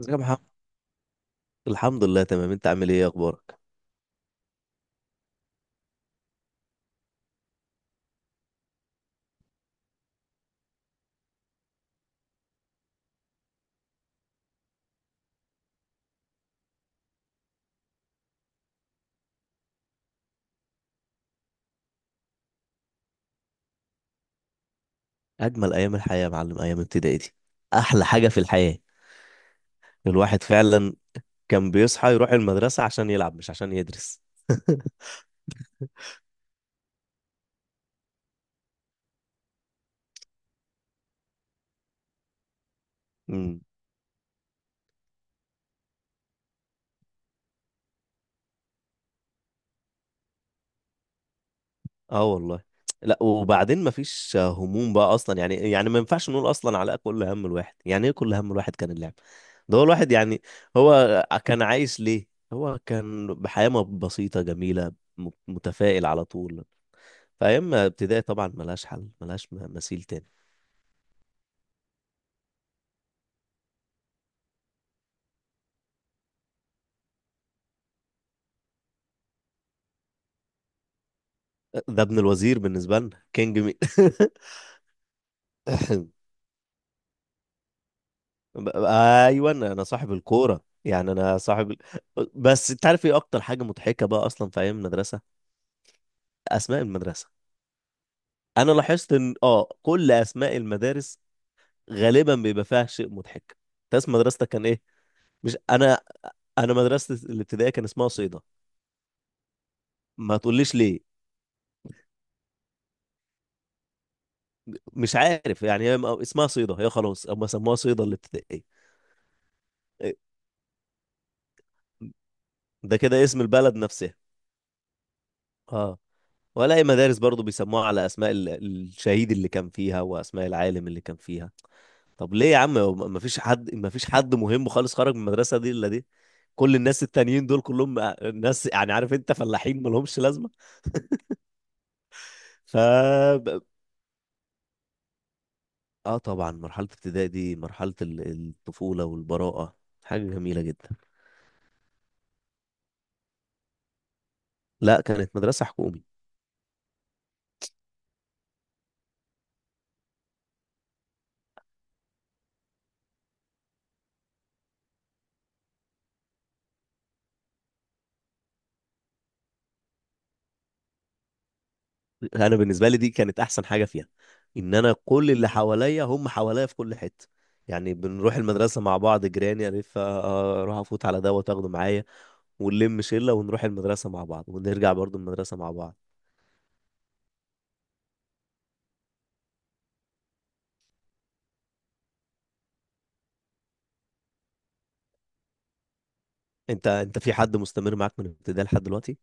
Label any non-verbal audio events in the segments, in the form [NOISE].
ازيك يا محمد. الحمد لله تمام، انت عامل ايه؟ اخبارك؟ اجمل ايام الحياه يا معلم، ايام ابتدائي دي احلى حاجه في الحياه. الواحد فعلا كان بيصحى يروح المدرسه عشان يلعب مش عشان يدرس. [LAUGHS] امم اه والله. لا وبعدين مفيش هموم بقى اصلا، يعني ما ينفعش نقول اصلا على كل هم الواحد، يعني ايه كل هم الواحد؟ كان اللعب. ده هو الواحد يعني، هو كان عايش ليه؟ هو كان بحياه بسيطه جميله، متفائل على طول. فايام ابتدائي طبعا ملهاش حل، ملهاش مثيل تاني. ده ابن الوزير، بالنسبة لنا كينج مين؟ [LAUGHS] ب- ايوه انا صاحب الكورة، يعني انا صاحب بس. انت عارف ايه اكتر حاجة مضحكة بقى اصلا في ايام المدرسة؟ اسماء المدرسة. انا لاحظت ان كل اسماء المدارس غالبا بيبقى فيها شيء مضحك. انت اسم مدرستك كان ايه؟ مش انا، انا مدرستي الابتدائية كان اسمها صيدا. ما تقوليش ليه. مش عارف يعني، هي اسمها صيدا، هي خلاص هم سموها صيدا الابتدائية. إيه، ده كده اسم البلد نفسها. اه، ولا اي مدارس برضو بيسموها على اسماء الشهيد اللي كان فيها واسماء العالم اللي كان فيها. طب ليه يا عم؟ ما فيش حد مهم خالص خرج من المدرسه دي الا دي. كل الناس التانيين دول كلهم ناس، يعني عارف انت، فلاحين ما لهمش لازمه. ف اه طبعا مرحله ابتدائي دي مرحله الطفوله والبراءه، حاجه جميله جدا. لا كانت مدرسه حكومي. انا بالنسبه لي دي كانت احسن حاجه فيها، ان انا كل اللي حواليا هم حواليا في كل حته. يعني بنروح المدرسه مع بعض، جيراني الف اروح افوت على ده واخده معايا ونلم شله ونروح المدرسه مع بعض، ونرجع برضو المدرسه مع بعض. انت في حد مستمر معاك من ابتدائي لحد دلوقتي؟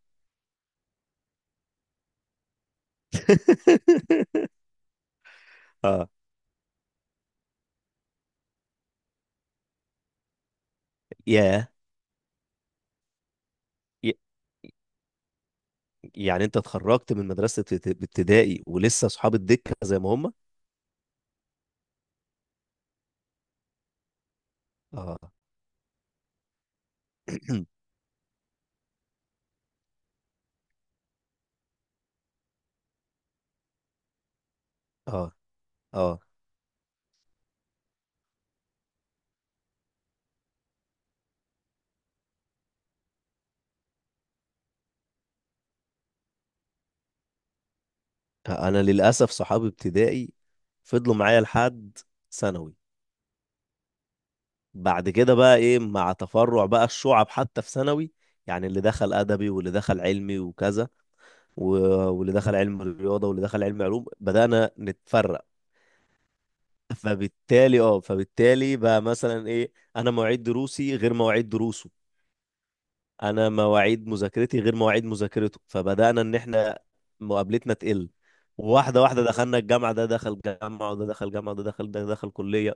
[LAUGHS] اه. ياه. ي- يعني انت اتخرجت من مدرسه ابتدائي ولسه اصحاب الدكه زي ما هم؟ اه. [CLEARS THROAT] اه اه انا للاسف صحابي ابتدائي فضلوا معايا لحد ثانوي. بعد كده بقى ايه، مع تفرع بقى الشعب حتى في ثانوي، يعني اللي دخل ادبي واللي دخل علمي وكذا واللي دخل علم رياضه واللي دخل علم علوم، بدانا نتفرق. فبالتالي بقى مثلا ايه، انا مواعيد دروسي غير مواعيد دروسه، انا مواعيد مذاكرتي غير مواعيد مذاكرته، فبدأنا ان احنا مقابلتنا تقل. واحدة واحدة دخلنا الجامعة، ده دخل جامعة وده دخل جامعة وده دخل ده دخل كلية،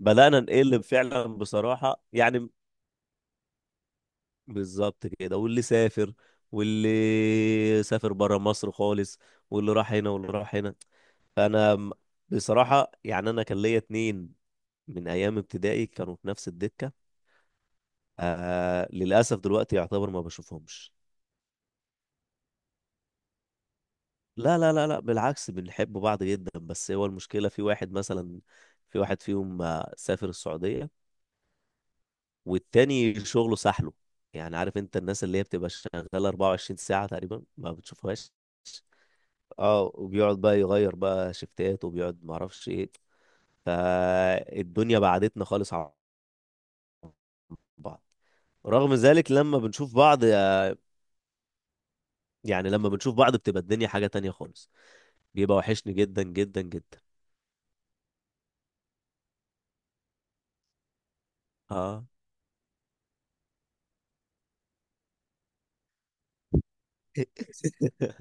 بدأنا نقل فعلا بصراحة يعني. بالظبط كده، واللي سافر، واللي سافر برا مصر خالص، واللي راح هنا واللي راح هنا. فأنا م- بصراحة يعني، أنا كان ليا اتنين من أيام ابتدائي كانوا في نفس الدكة. آه للأسف دلوقتي يعتبر ما بشوفهمش. لا، بالعكس بنحب بعض جدا، بس هو المشكلة في واحد مثلا، في واحد فيهم سافر السعودية، والتاني شغله سحله، يعني عارف انت الناس اللي هي بتبقى شغالة 24 ساعة تقريبا ما بتشوفهاش. اه، وبيقعد بقى يغير بقى شفتات، وبيقعد معرفش ايه. فالدنيا بعدتنا خالص عن بعض، رغم ذلك لما بنشوف بعض، يعني لما بنشوف بعض بتبقى الدنيا حاجة تانية خالص، بيبقى وحشني جدا جدا جدا. اه. [LAUGHS]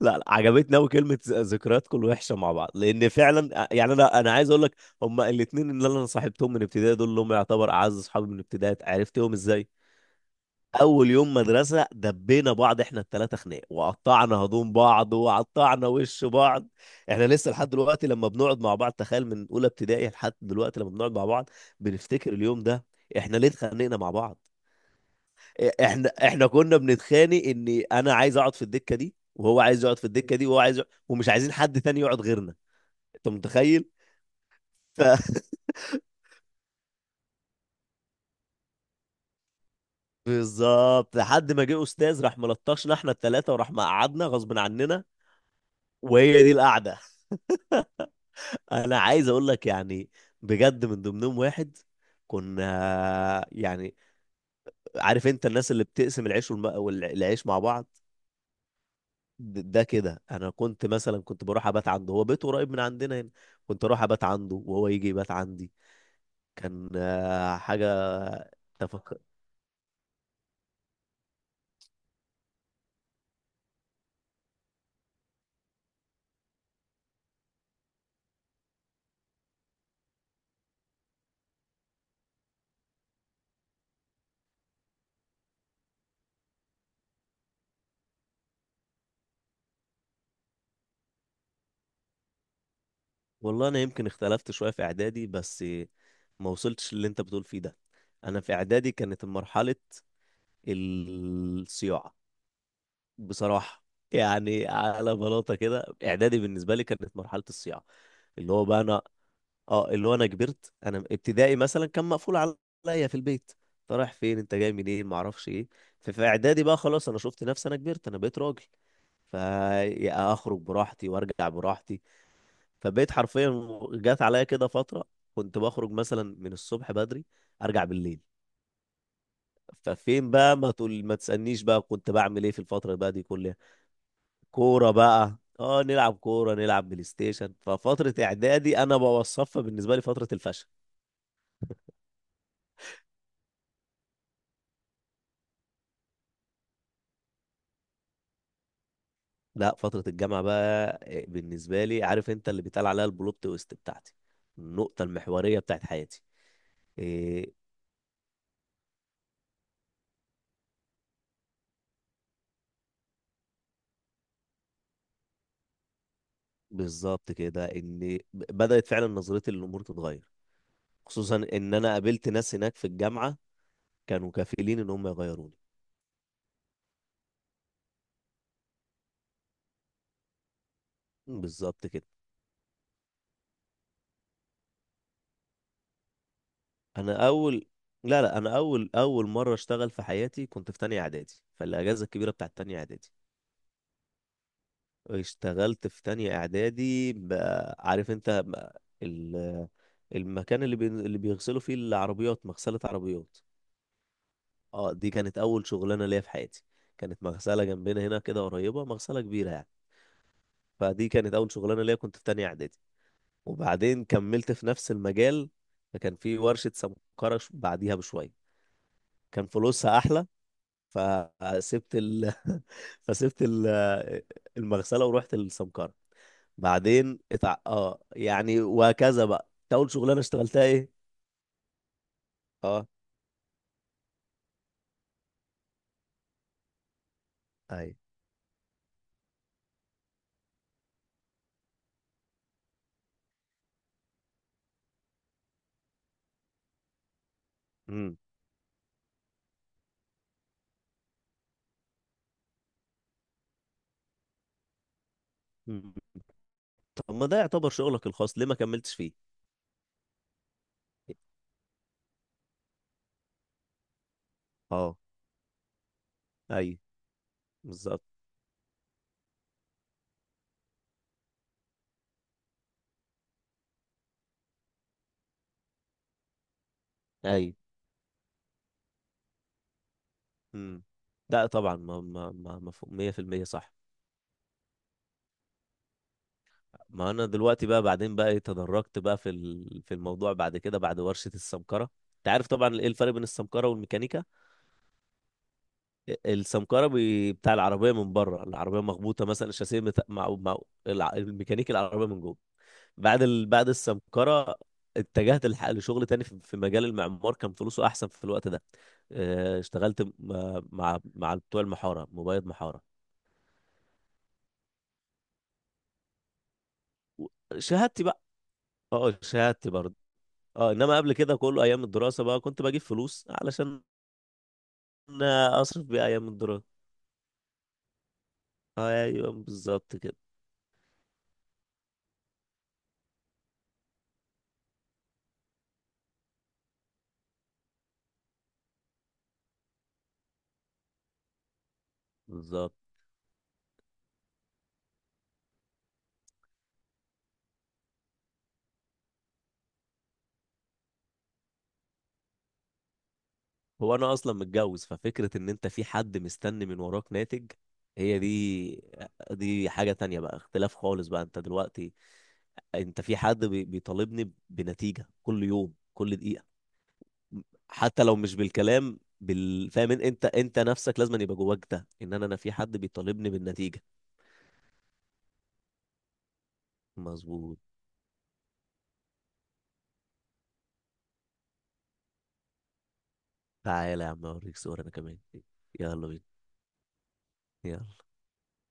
لا لا، عجبتني قوي كلمه ذكرياتكم الوحشه مع بعض، لان فعلا يعني انا عايز اقول لك، هما الاثنين اللي انا صاحبتهم من ابتدائي دول اللي هم يعتبر اعز اصحابي من ابتدائي، عرفتهم ازاي؟ اول يوم مدرسه دبينا بعض احنا الثلاثه خناق، وقطعنا هدوم بعض وقطعنا وش بعض. احنا لسه لحد دلوقتي لما بنقعد مع بعض، تخيل من اولى ابتدائي لحد دلوقتي لما بنقعد مع بعض بنفتكر اليوم ده، احنا ليه اتخانقنا مع بعض. احنا كنا بنتخانق ان انا عايز اقعد في الدكه دي وهو عايز يقعد في الدكه دي وهو عايز يقعد ومش عايزين حد تاني يقعد غيرنا. انت متخيل؟ ف... [LAUGHS] بالظبط لحد ما جه استاذ راح ملطشنا احنا الثلاثه وراح مقعدنا غصب عننا، وهي دي القعده. انا عايز اقول لك يعني، بجد من ضمنهم واحد كنا يعني، عارف انت الناس اللي بتقسم العيش والعيش مع بعض، ده كده انا كنت مثلا كنت بروح ابات عنده، هو بيته قريب من عندنا هنا، كنت اروح ابات عنده وهو يجي يبات عندي، كان حاجة. تفك... والله أنا يمكن اختلفت شوية في إعدادي، بس ما وصلتش للي أنت بتقول فيه ده. أنا في إعدادي كانت مرحلة الصياعة بصراحة، يعني على بلاطة كده إعدادي بالنسبة لي كانت مرحلة الصياعة. اللي هو بقى أنا، أه اللي هو أنا كبرت. أنا ابتدائي مثلا كان مقفول عليا في البيت، أنت رايح فين أنت جاي منين معرفش إيه. ففي إعدادي بقى خلاص أنا شفت نفسي أنا كبرت أنا بقيت راجل، فاخرج براحتي وارجع براحتي. فبقيت حرفيا جات عليا كده فترة كنت بخرج مثلا من الصبح بدري، ارجع بالليل. ففين بقى، ما تقول ما تسألنيش بقى كنت بعمل ايه في الفترة بقى دي كلها؟ كورة بقى، اه نلعب كورة نلعب بلاي ستيشن. ففترة اعدادي انا بوصفها بالنسبة لي فترة الفشل. لا فترة الجامعة بقى بالنسبة لي، عارف انت اللي بيتقال عليها البلوت تويست بتاعتي، النقطة المحورية بتاعت حياتي. إيه. بالظبط كده، ان بدأت فعلا نظرتي للامور تتغير، خصوصا ان انا قابلت ناس هناك في الجامعه كانوا كفيلين ان هم يغيروني. بالظبط كده. انا اول لا لا، انا اول مره اشتغل في حياتي كنت في تانية اعدادي، فالاجازه الكبيره بتاعت تانية اعدادي اشتغلت في تانية اعدادي بقى، عارف انت بقى المكان اللي بيغسلوا فيه العربيات، مغسله عربيات. اه دي كانت اول شغلانه ليا في حياتي. كانت مغسله جنبنا هنا كده قريبه، مغسله كبيره يعني، فدي كانت اول شغلانه ليا كنت في تانية اعدادي. وبعدين كملت في نفس المجال، فكان في ورشة سمكرة بعديها بشوية، كان فلوسها أحلى، فسبت ال... [LAUGHS] فسبت المغسلة ورحت السمكرة. بعدين اه يعني وهكذا بقى. إنت أول شغلانة اشتغلتها إيه؟ اه. أي. امم أمم. طب ما ده يعتبر شغلك الخاص، ليه ما كملتش فيه؟ اه. أي. بالظبط. أي. امم لا طبعا، ما مفهوم. 100% صح. ما انا دلوقتي بقى، بعدين بقى تدرجت بقى في في الموضوع بعد كده. بعد ورشة السمكرة، انت عارف طبعا ايه الفرق بين السمكرة والميكانيكا. السمكرة بتاع العربية من بره، العربية مخبوطة مثلا الشاسيه مت... مع... مع... الع... الميكانيكي العربية من جوه. بعد السمكرة اتجهت لشغل تاني في في مجال المعمار، كان فلوسه احسن في الوقت ده. اه، اشتغلت مع بتوع المحارة، مبيض محارة. و- شهادتي بقى. اه شهادتي برضه. اه انما قبل كده كله ايام الدراسه بقى كنت بجيب فلوس علشان انا اصرف بيه ايام الدراسه. ايوه بالظبط كده. بالظبط. هو انا اصلا متجوز، ففكره ان انت في حد مستني من وراك ناتج، هي دي. دي حاجه تانية بقى، اختلاف خالص بقى، انت دلوقتي انت في حد بيطالبني بنتيجه كل يوم كل دقيقه، حتى لو مش بالكلام. فاهم انت، انت نفسك لازم يبقى جواك ده ان انا في حد بيطالبني بالنتيجه. مظبوط. تعالى يا عم اوريك صور انا كمان. يلا بينا. يلا.